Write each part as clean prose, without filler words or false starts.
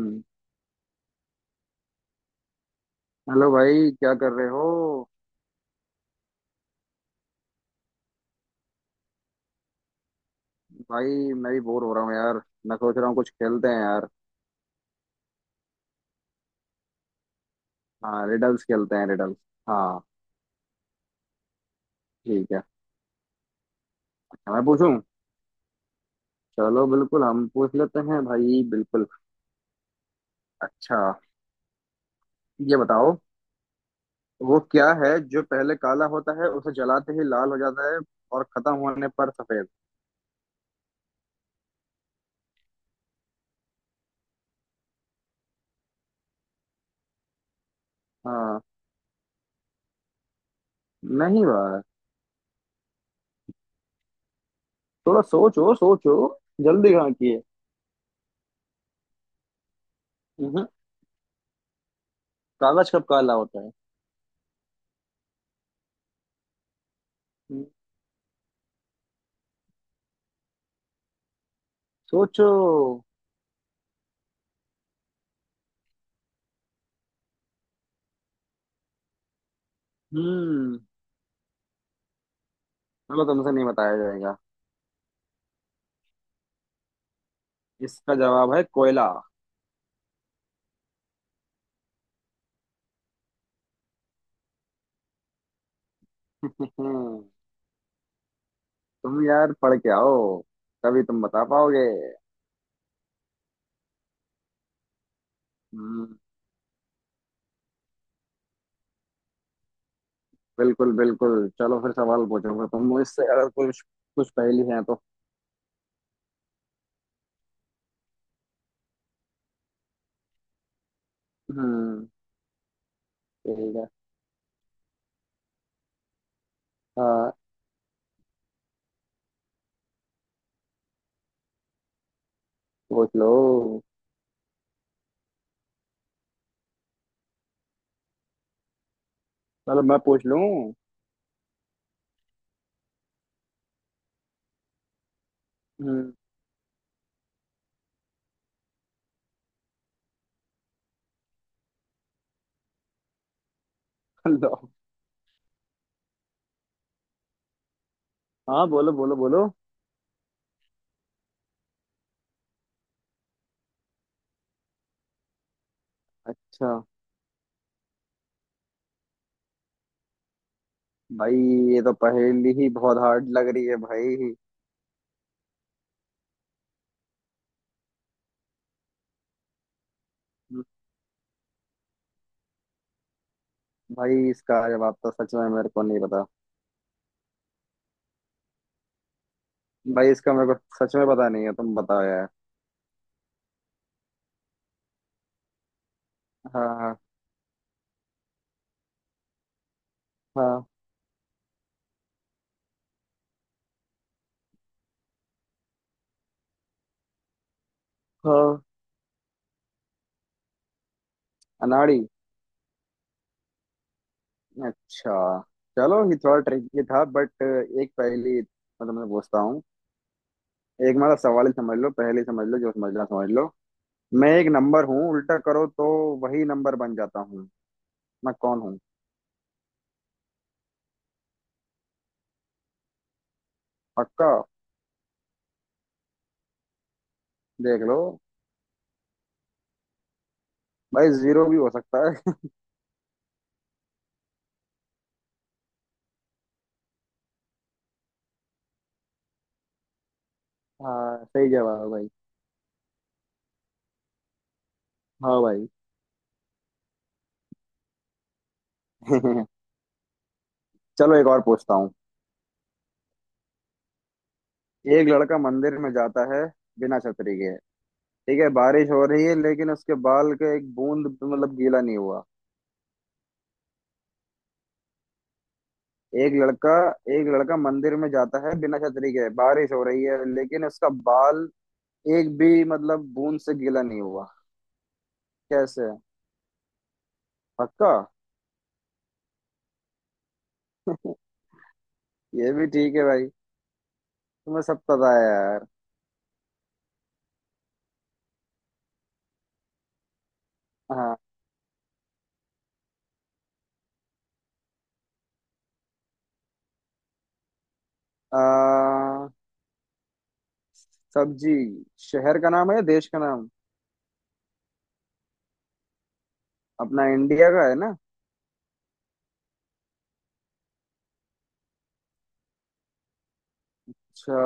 हम्म, hello भाई, क्या कर रहे हो? भाई, मैं भी बोर हो रहा हूँ यार। मैं सोच रहा हूँ, कुछ खेलते हैं यार। हाँ, रिडल्स खेलते हैं, रिडल्स। हाँ। ठीक है। मैं पूछूं? चलो, बिल्कुल हम पूछ लेते हैं भाई, बिल्कुल। अच्छा, ये बताओ। वो क्या है जो पहले काला होता है, उसे जलाते ही लाल हो जाता है, और खत्म होने पर सफेद? हाँ। नहीं भाई। थोड़ा सोचो, सोचो। जल्दी कहाँ किए? हम्म, कागज कब काला होता है? हम्म। सोचो। हम्म। चलो, तुमसे नहीं बताया जाएगा। इसका जवाब है कोयला। तुम, यार, पढ़ के आओ। तभी तुम बता पाओगे। हम्म, बिल्कुल बिल्कुल, चलो फिर सवाल पूछो, फिर तुम मुझसे अगर कुछ कुछ पहेली है तो। हम्म। ठीक है। हाँ, पूछ लो। चलो, मैं पूछ लूं। हम्म। लो। हाँ, बोलो बोलो बोलो। अच्छा। भाई, ये तो पहेली ही बहुत हार्ड लग रही है भाई। भाई, इसका जवाब तो सच में मेरे को नहीं पता। भाई, इसका मेरे को सच में पता नहीं है। तुम बताओ यार। हाँ हाँ। हाँ। हाँ। अनाड़ी। अच्छा। चलो, ये थोड़ा ट्रिकी था, बट एक पहेली मतलब मैं तुमसे पूछता हूँ। एक मतलब सवाल ही समझ लो, पहेली समझ लो, जो समझना समझ लो। मैं एक नंबर हूँ, उल्टा करो तो वही नंबर बन जाता हूँ। मैं कौन हूँ? पक्का? देख लो। भाई, जीरो भी हो सकता है। हाँ, सही जवाब है भाई। हाँ भाई। चलो, एक और पूछता हूँ। एक लड़का मंदिर में जाता है बिना छतरी के, ठीक है, बारिश हो रही है, लेकिन उसके बाल का एक बूंद भी, मतलब, गीला नहीं हुआ। एक लड़का एक लड़का मंदिर में जाता है बिना छतरी के, बारिश हो रही है, लेकिन उसका बाल एक भी मतलब बूंद से गीला नहीं हुआ। कैसे? पक्का? ये भी ठीक है भाई। तुम्हें सब पता है। हाँ। आ, सब्जी। शहर का नाम है या देश का नाम? अपना इंडिया का है ना? अच्छा।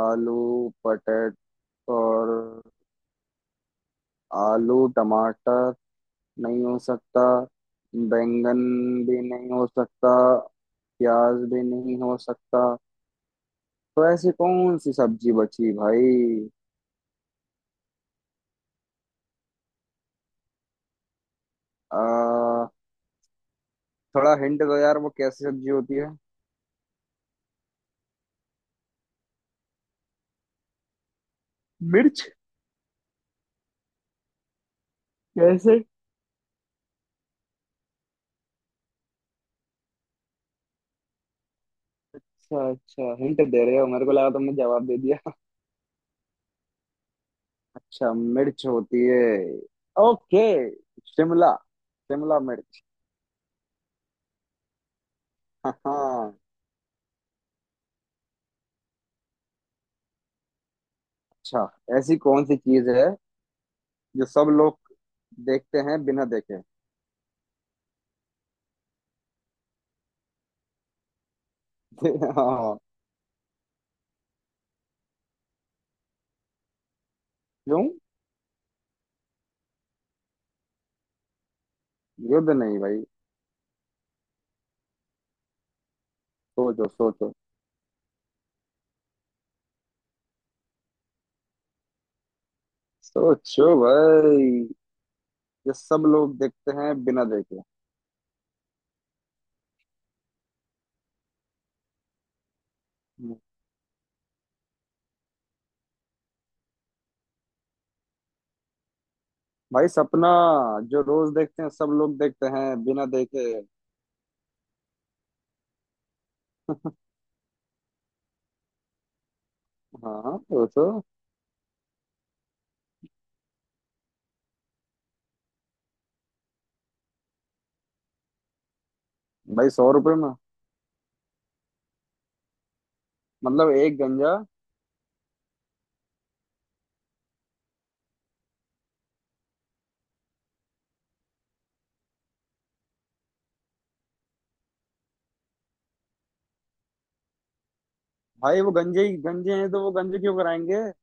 आलू, पटेट, और आलू टमाटर नहीं हो सकता। बैंगन भी नहीं हो सकता। प्याज भी नहीं हो सकता। तो ऐसी कौन सी सब्जी बची भाई? आ, थोड़ा हिंट दो यार, वो कैसी सब्जी होती है? मिर्च? कैसे? अच्छा अच्छा, हिंट दे रहे हो, मेरे को लगा तुमने जवाब दे दिया। अच्छा, मिर्च होती है। ओके। शिमला। शिमला मिर्च। हाँ हाँ। अच्छा। ऐसी कौन सी चीज है जो सब लोग देखते हैं बिना देखे? हाँ। क्यों? युद्ध नहीं भाई। सोचो सोचो। सोचो भाई, जो सब लोग देखते हैं बिना देखे। भाई, सपना। जो रोज देखते हैं, सब लोग देखते हैं बिना देखे। हाँ हाँ, वो तो। भाई, 100 रुपए में। मतलब एक गंजा। भाई, वो गंजे ही गंजे हैं तो वो गंजे क्यों कराएंगे?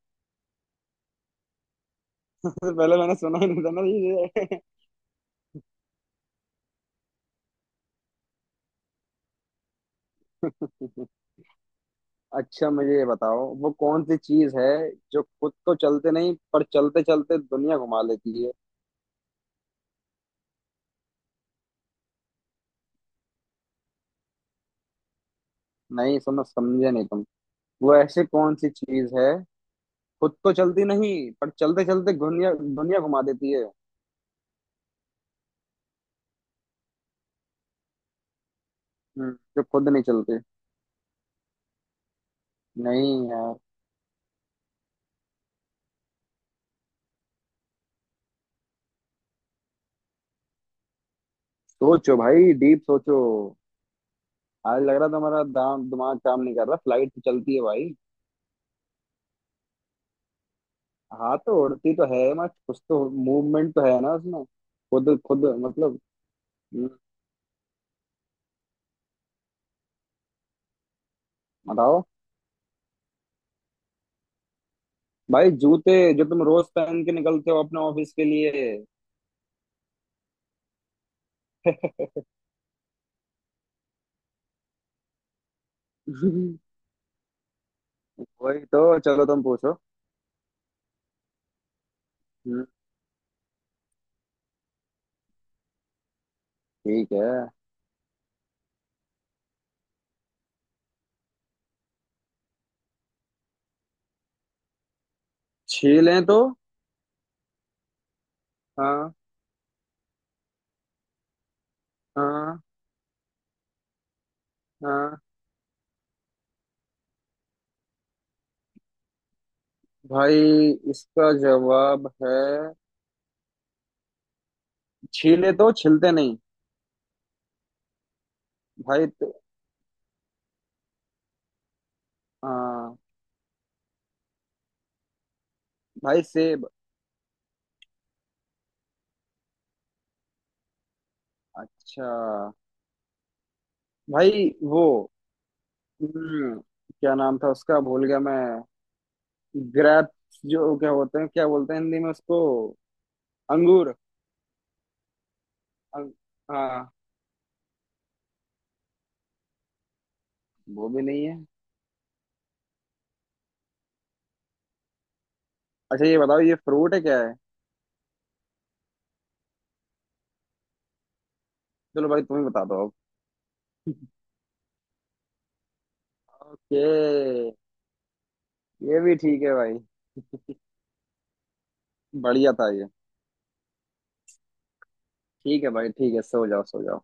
उससे पहले मैंने सुना ही नहीं था ना ये। अच्छा, मुझे ये बताओ, वो कौन सी चीज है जो खुद तो चलते नहीं, पर चलते चलते दुनिया घुमा लेती है? नहीं समझ, समझे नहीं तुम। वो ऐसी कौन सी चीज है? खुद तो चलती नहीं, पर चलते चलते दुनिया दुनिया घुमा देती है। हम्म, जो खुद नहीं चलती। नहीं यार। सोचो भाई, डीप सोचो। आज लग रहा था हमारा दाम दिमाग काम नहीं कर रहा। फ्लाइट तो चलती है भाई। हाँ, तो उड़ती तो है, मत कुछ तो मूवमेंट तो है ना उसमें। खुद खुद मतलब। हम्म, बताओ। भाई, जूते, जो तुम रोज पहन के निकलते हो अपने ऑफिस के लिए। वही तो। चलो, तुम पूछो। हम्म, ठीक है। छीलें तो? हाँ। हाँ। हाँ। भाई, इसका जवाब है, छीले तो छिलते नहीं। भाई तो। हाँ। भाई से। अच्छा। भाई वो। हम्म, क्या नाम था उसका, भूल गया मैं। ग्रेप्स जो क्या होते हैं, क्या बोलते हैं हिंदी में उसको? अंगूर। अंग, हाँ। वो भी नहीं है? अच्छा, ये बताओ, ये फ्रूट है क्या है? चलो भाई, तुम ही बता दो अब। ओके। ये भी ठीक है भाई। बढ़िया था ये। ठीक है भाई, ठीक है, सो जाओ सो जाओ।